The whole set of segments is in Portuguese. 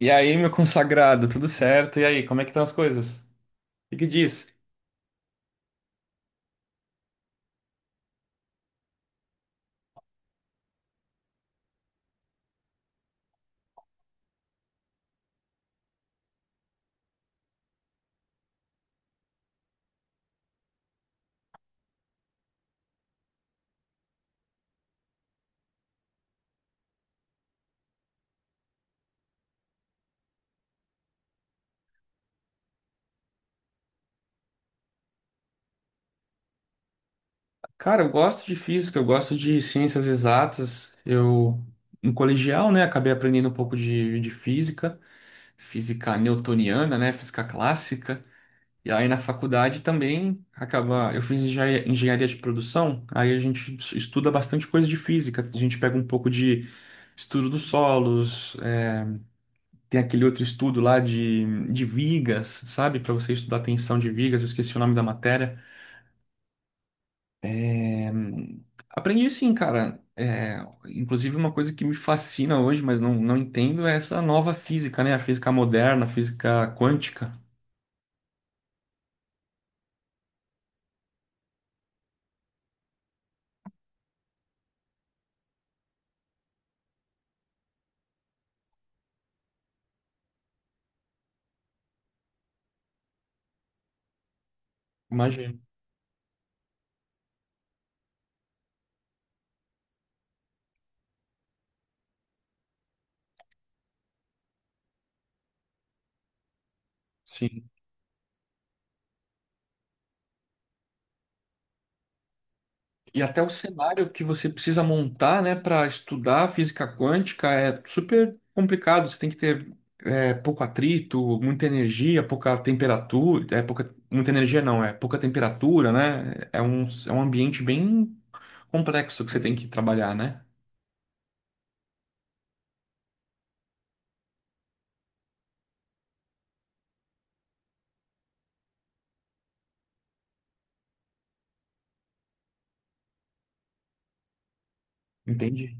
E aí, meu consagrado, tudo certo? E aí, como é que estão as coisas? O que que diz? Cara, eu gosto de física, eu gosto de ciências exatas. Eu, no colegial, né, acabei aprendendo um pouco de física, física newtoniana, né, física clássica. E aí, na faculdade também, acaba, eu fiz engenharia de produção, aí a gente estuda bastante coisa de física. A gente pega um pouco de estudo dos solos, tem aquele outro estudo lá de vigas, sabe? Para você estudar tensão de vigas, eu esqueci o nome da matéria. Hum, Aprendi sim, cara. É, inclusive, uma coisa que me fascina hoje, mas não, não entendo, é essa nova física, né? A física moderna, a física quântica. Imagino. Sim. E até o cenário que você precisa montar, né, para estudar física quântica é super complicado. Você tem que ter pouco atrito, muita energia, pouca temperatura. É pouca, muita energia não, é pouca temperatura, né? É um ambiente bem complexo que você tem que trabalhar, né? Entende?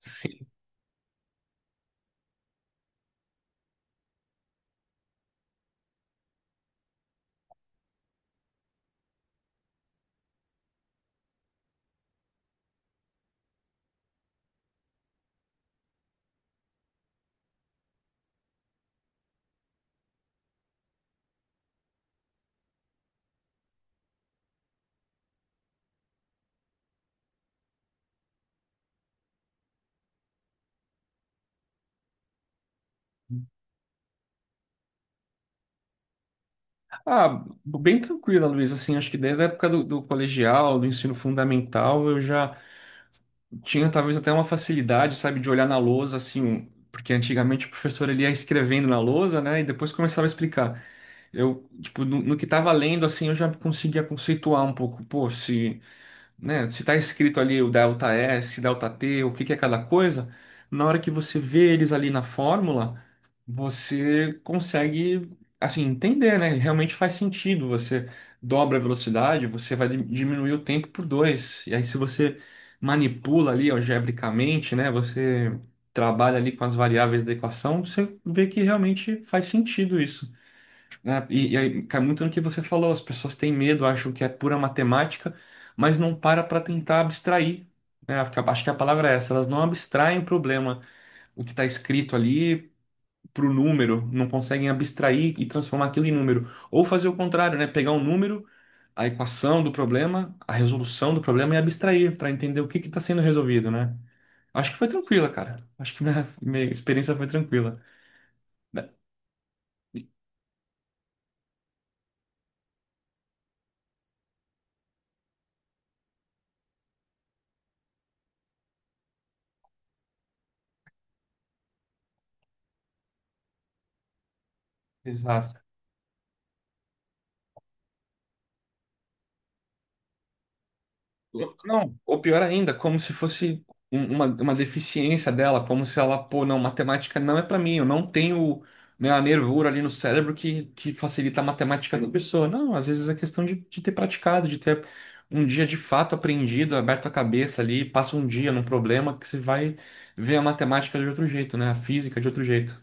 Sim. Ah, bem tranquila, Luiz. Assim, acho que desde a época do colegial, do ensino fundamental, eu já tinha talvez até uma facilidade, sabe, de olhar na lousa, assim, porque antigamente o professor ele ia escrevendo na lousa, né, e depois começava a explicar. Eu, tipo, no que tava lendo, assim, eu já conseguia conceituar um pouco, pô, se né? Se tá escrito ali o delta S, delta T, o que que é cada coisa, na hora que você vê eles ali na fórmula, você consegue, assim, entender, né? Realmente faz sentido. Você dobra a velocidade, você vai diminuir o tempo por dois. E aí, se você manipula ali algebricamente, né? Você trabalha ali com as variáveis da equação, você vê que realmente faz sentido isso, né? E aí cai muito no que você falou, as pessoas têm medo, acham que é pura matemática, mas não para tentar abstrair, né? Acho que a palavra é essa, elas não abstraem o problema, o que está escrito ali para o número, não conseguem abstrair e transformar aquilo em número. Ou fazer o contrário, né? Pegar um número, a equação do problema, a resolução do problema e abstrair para entender o que que está sendo resolvido, né? Acho que foi tranquila, cara. Acho que minha experiência foi tranquila. Exato. Não, ou pior ainda, como se fosse uma deficiência dela, como se ela, pô, não, matemática não é pra mim, eu não tenho, né, a nervura ali no cérebro que facilita a matemática da pessoa. Não, às vezes é questão de ter praticado, de ter um dia de fato aprendido, aberto a cabeça ali, passa um dia num problema que você vai ver a matemática de outro jeito, né, a física de outro jeito.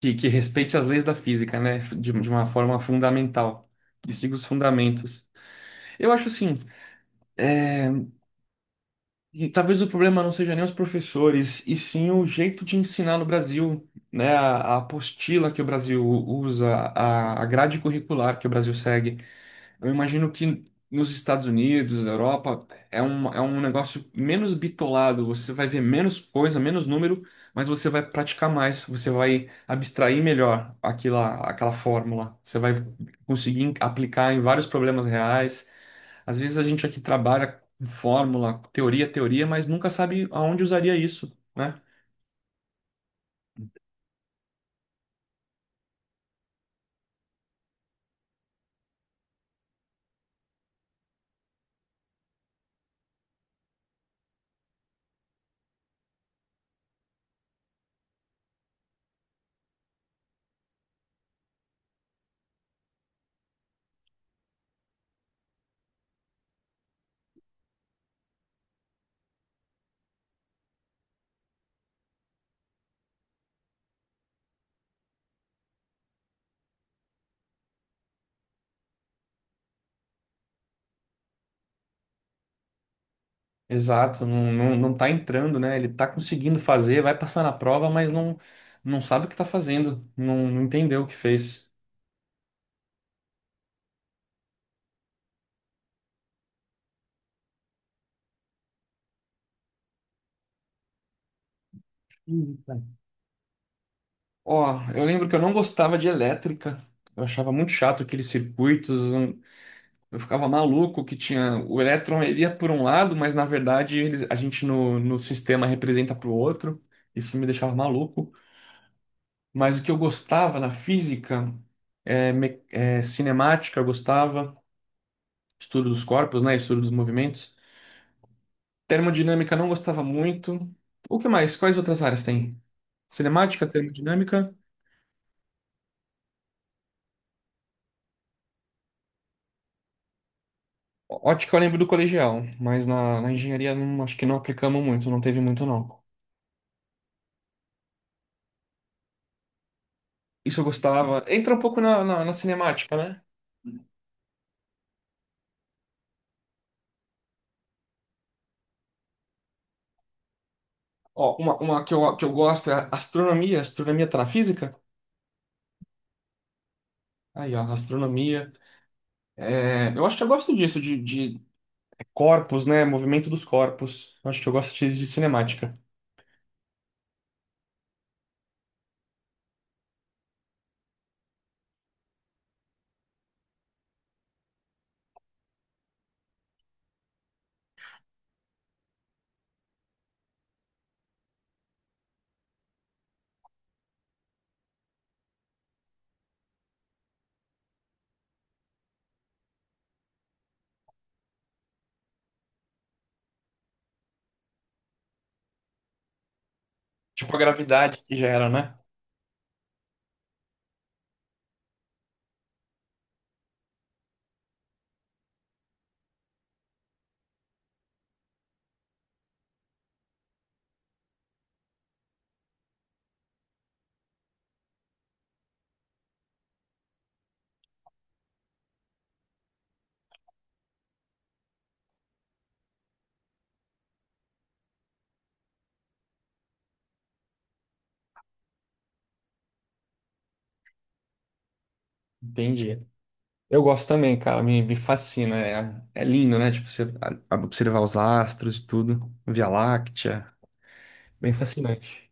Que respeite as leis da física, né, de uma forma fundamental, que siga os fundamentos. Eu acho assim. é, E talvez o problema não seja nem os professores, e sim o jeito de ensinar no Brasil, né? A apostila que o Brasil usa, a grade curricular que o Brasil segue. Eu imagino que nos Estados Unidos, na Europa, é um negócio menos bitolado. Você vai ver menos coisa, menos número, mas você vai praticar mais. Você vai abstrair melhor aquela fórmula. Você vai conseguir aplicar em vários problemas reais. Às vezes a gente aqui trabalha com fórmula, teoria, teoria, mas nunca sabe aonde usaria isso, né? Exato, não, não, não tá entrando, né? Ele tá conseguindo fazer, vai passar na prova, mas não, não sabe o que tá fazendo, não, não entendeu o que fez. Física. Ó, eu lembro que eu não gostava de elétrica, eu achava muito chato aqueles circuitos, eu ficava maluco que tinha, o elétron ele ia por um lado, mas na verdade eles, a gente no sistema representa para o outro, isso me deixava maluco. Mas o que eu gostava na física, cinemática, eu gostava, estudo dos corpos, né, estudo dos movimentos. Termodinâmica não gostava muito. O que mais? Quais outras áreas tem? Cinemática, termodinâmica. Ótica eu lembro do colegial, mas na engenharia acho que não aplicamos muito, não teve muito não. Isso eu gostava. Entra um pouco na cinemática, né? Ó, uma que eu gosto é a astronomia, astronomia tá na física. Aí, ó, astronomia. É, eu acho que eu gosto disso, de corpos, né? Movimento dos corpos. Eu acho que eu gosto de cinemática. Tipo a gravidade que gera, né? Entendi. Eu gosto também, cara, me fascina. É lindo, né? Tipo, você observar os astros e tudo, Via Láctea. Bem fascinante.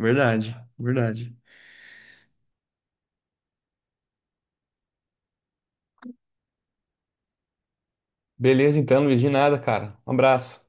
Verdade, verdade. Beleza, então, Luiz, de nada, cara. Um abraço.